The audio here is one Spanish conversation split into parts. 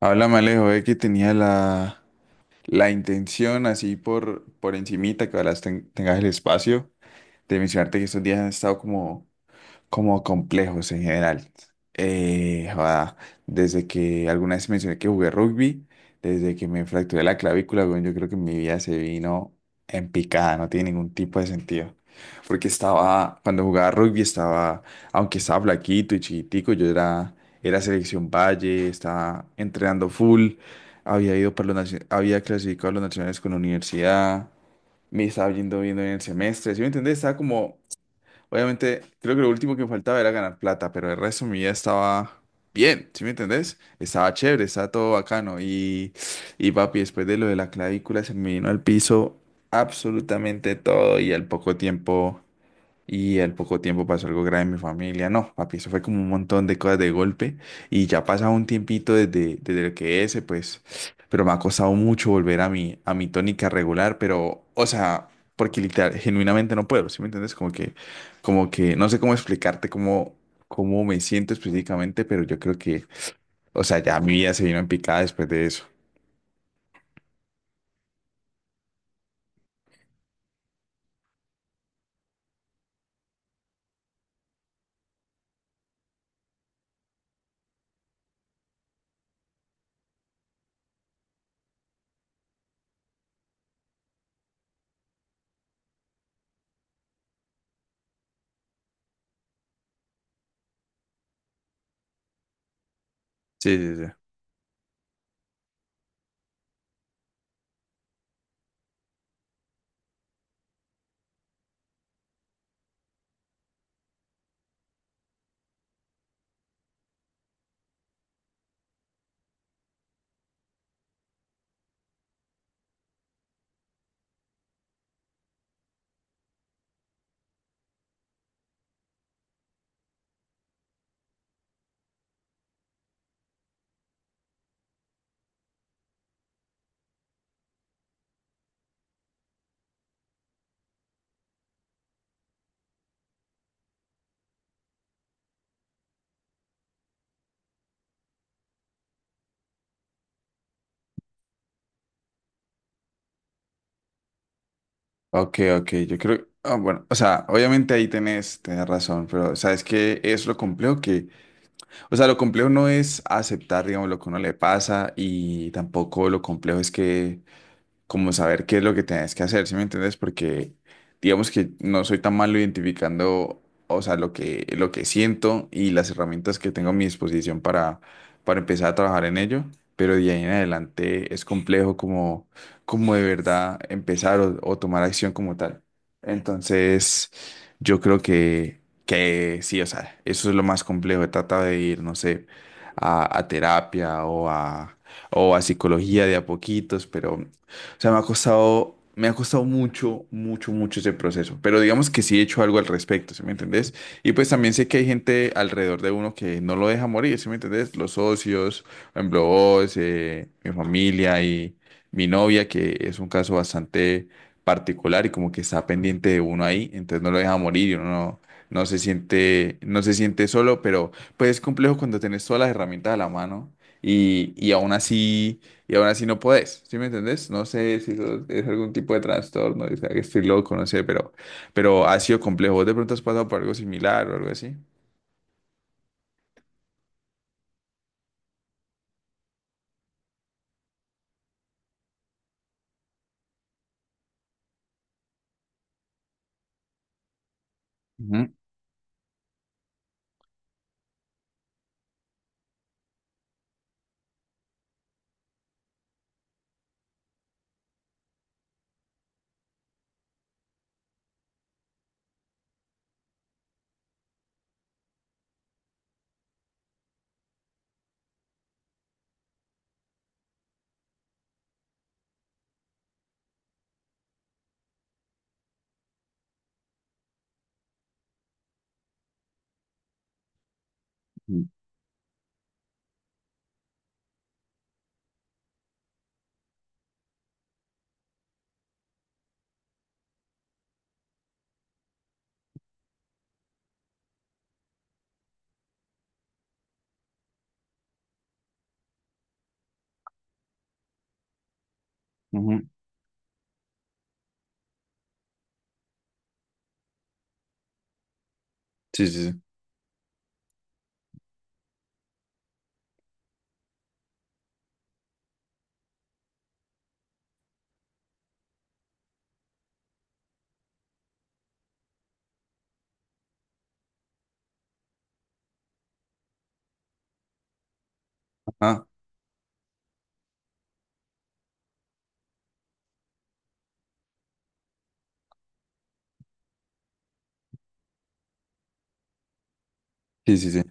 Háblame, Alejo, ve que tenía la intención, así por encimita, que ahora tengas el espacio, de mencionarte que estos días han estado como complejos en general. Joda, desde que alguna vez mencioné que jugué rugby, desde que me fracturé la clavícula, weón, yo creo que mi vida se vino en picada, no tiene ningún tipo de sentido. Porque estaba, cuando jugaba rugby estaba, aunque estaba flaquito y chiquitico, era selección Valle, estaba entrenando full, había ido para había clasificado a los nacionales con la universidad, me estaba yendo bien en el semestre, ¿sí me entendés? Estaba como. Obviamente, creo que lo último que me faltaba era ganar plata, pero el resto de mi vida estaba bien, ¿sí me entendés? Estaba chévere, estaba todo bacano. Y papi, después de lo de la clavícula, se me vino al piso absolutamente todo y al poco tiempo. Y al poco tiempo pasó algo grave en mi familia. No, papi, eso fue como un montón de cosas de golpe. Y ya ha pasado un tiempito desde el que ese, pues, pero me ha costado mucho volver a a mi tónica regular, pero, o sea, porque literal, genuinamente no puedo, ¿sí me entiendes? No sé cómo explicarte cómo me siento específicamente, pero yo creo que, o sea, ya mi vida se vino en picada después de eso. Sí, sí, sí. Ok, ok, yo creo, ah, bueno, o sea, obviamente ahí tenés razón, pero ¿sabes qué es lo complejo? Que, o sea, lo complejo no es aceptar, digamos, lo que a uno le pasa y tampoco lo complejo es que, como saber qué es lo que tienes que hacer, ¿sí me entiendes? Porque digamos que no soy tan malo identificando, o sea, lo que siento y las herramientas que tengo a mi disposición para empezar a trabajar en ello, pero de ahí en adelante es complejo como de verdad empezar o tomar acción como tal. Entonces, yo creo que sí, o sea, eso es lo más complejo, trata de ir, no sé, a terapia o a psicología de a poquitos, pero o sea, me ha costado mucho, mucho, mucho ese proceso. Pero digamos que sí he hecho algo al respecto, ¿sí me entendés? Y pues también sé que hay gente alrededor de uno que no lo deja morir, ¿sí me entendés? Los socios, por ejemplo, vos, mi familia y mi novia, que es un caso bastante particular y como que está pendiente de uno ahí, entonces no lo deja morir y uno no se siente solo, pero pues es complejo cuando tenés todas las herramientas a la mano y aún así no podés, ¿sí me entendés? No sé si eso es algún tipo de trastorno, o sea, que estoy loco, no sé, pero ha sido complejo. ¿Vos de pronto has pasado por algo similar o algo así? Ujú, ujú, ujú. Sí, sí, sí. Ajá. Sí, sí, sí.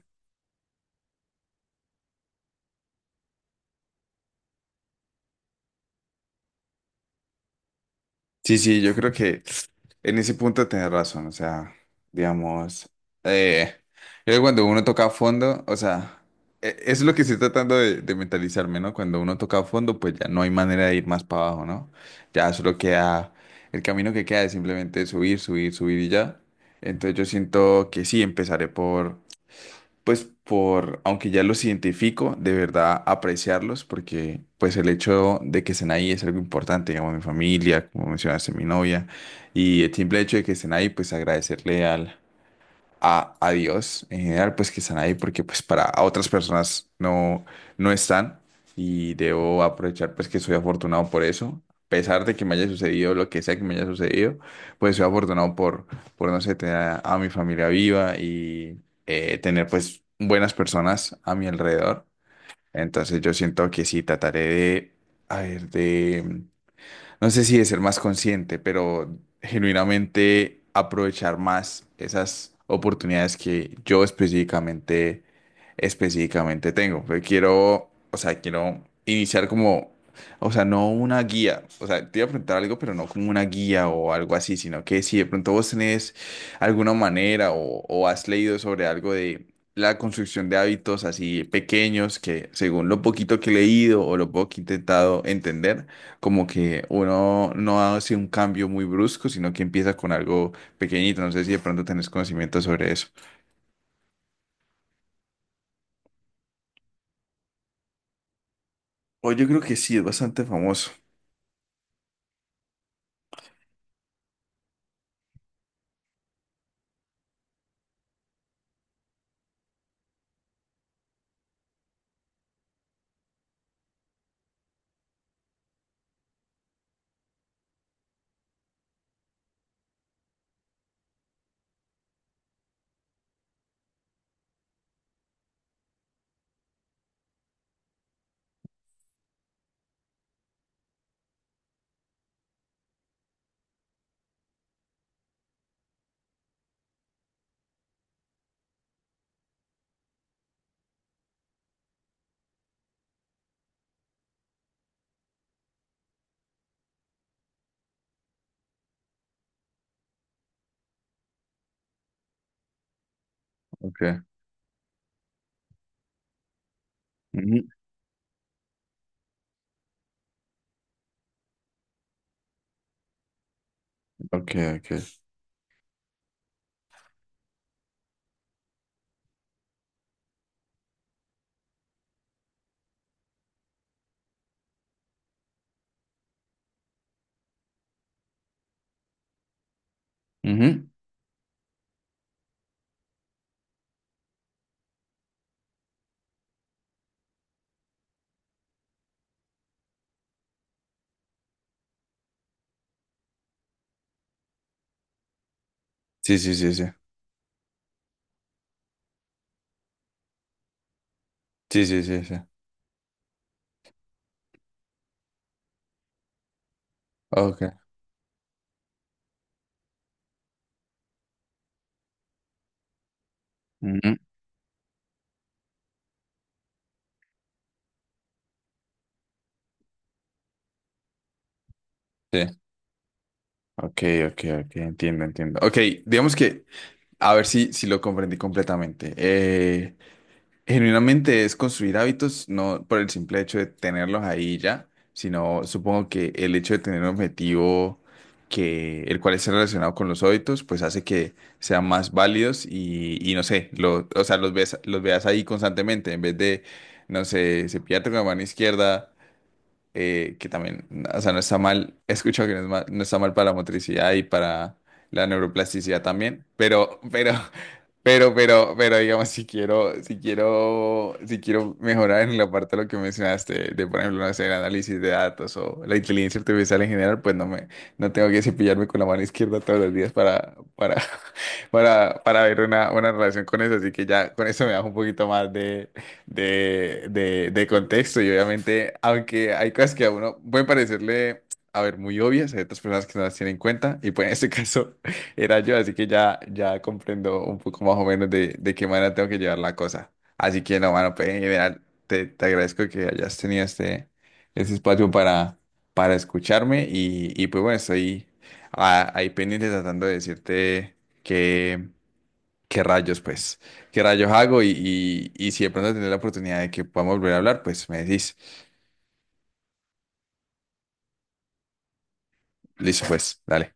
Sí, sí, yo creo que en ese punto tenés razón, o sea, digamos, eh, creo que cuando uno toca a fondo, o sea, eso es lo que estoy tratando de mentalizarme, ¿no? Cuando uno toca a fondo, pues ya no hay manera de ir más para abajo, ¿no? Ya solo queda, el camino que queda es simplemente subir, subir, subir y ya. Entonces yo siento que sí, empezaré por pues por, aunque ya los identifico, de verdad apreciarlos, porque pues el hecho de que estén ahí es algo importante, digamos, mi familia, como mencionaste, mi novia, y el simple hecho de que estén ahí, pues agradecerle a Dios en general, pues que están ahí porque pues para otras personas no están y debo aprovechar pues que soy afortunado por eso. A pesar de que me haya sucedido lo que sea que me haya sucedido, pues soy afortunado por no sé, tener a mi familia viva y tener pues buenas personas a mi alrededor. Entonces yo siento que sí, trataré de, a ver, de no sé si de ser más consciente, pero genuinamente aprovechar más esas oportunidades que yo específicamente tengo. Pero quiero, o sea, quiero iniciar como, o sea, no una guía, o sea, te iba a preguntar algo, pero no como una guía o algo así, sino que si de pronto vos tenés alguna manera o has leído sobre algo de la construcción de hábitos así pequeños que según lo poquito que he leído o lo poco que he intentado entender, como que uno no hace un cambio muy brusco, sino que empieza con algo pequeñito. No sé si de pronto tenés conocimiento sobre eso. O yo creo que sí, es bastante famoso. Ok. Ujú. Ok, ok. Ujú. Sí, sí, sí, sí. Sí, sí, sí, sí. Ok. Ujú. Sí. Ok, ok, ok. Entiendo, entiendo. Ok, digamos que, a ver si lo comprendí completamente. Genuinamente es construir hábitos, no por el simple hecho de tenerlos ahí ya, sino supongo que el hecho de tener un objetivo que el cual esté relacionado con los hábitos, pues hace que sean más válidos y no sé, lo, o sea, los ves, los veas ahí constantemente en vez de, no sé, cepillarte con la mano izquierda que también, o sea, no está mal, he escuchado que no, es no está mal para la motricidad y para la neuroplasticidad también, digamos, si quiero mejorar en la parte de lo que mencionaste, de, por ejemplo, no sé, el análisis de datos o la inteligencia artificial en general, pues no no tengo que cepillarme con la mano izquierda todos los días para ver una relación con eso, así que ya con eso me da un poquito más de de contexto y obviamente, aunque hay cosas que a uno puede parecerle, a ver, muy obvias, hay otras personas que no las tienen en cuenta y pues en este caso era yo, así que ya, ya comprendo un poco más o menos de qué manera tengo que llevar la cosa. Así que no, mano, pues en general te agradezco que hayas tenido este espacio para escucharme y pues bueno, estoy ahí pendiente tratando de decirte que qué rayos, pues, qué rayos hago y si de pronto tener la oportunidad de que podamos volver a hablar, pues me decís, listo, pues, dale.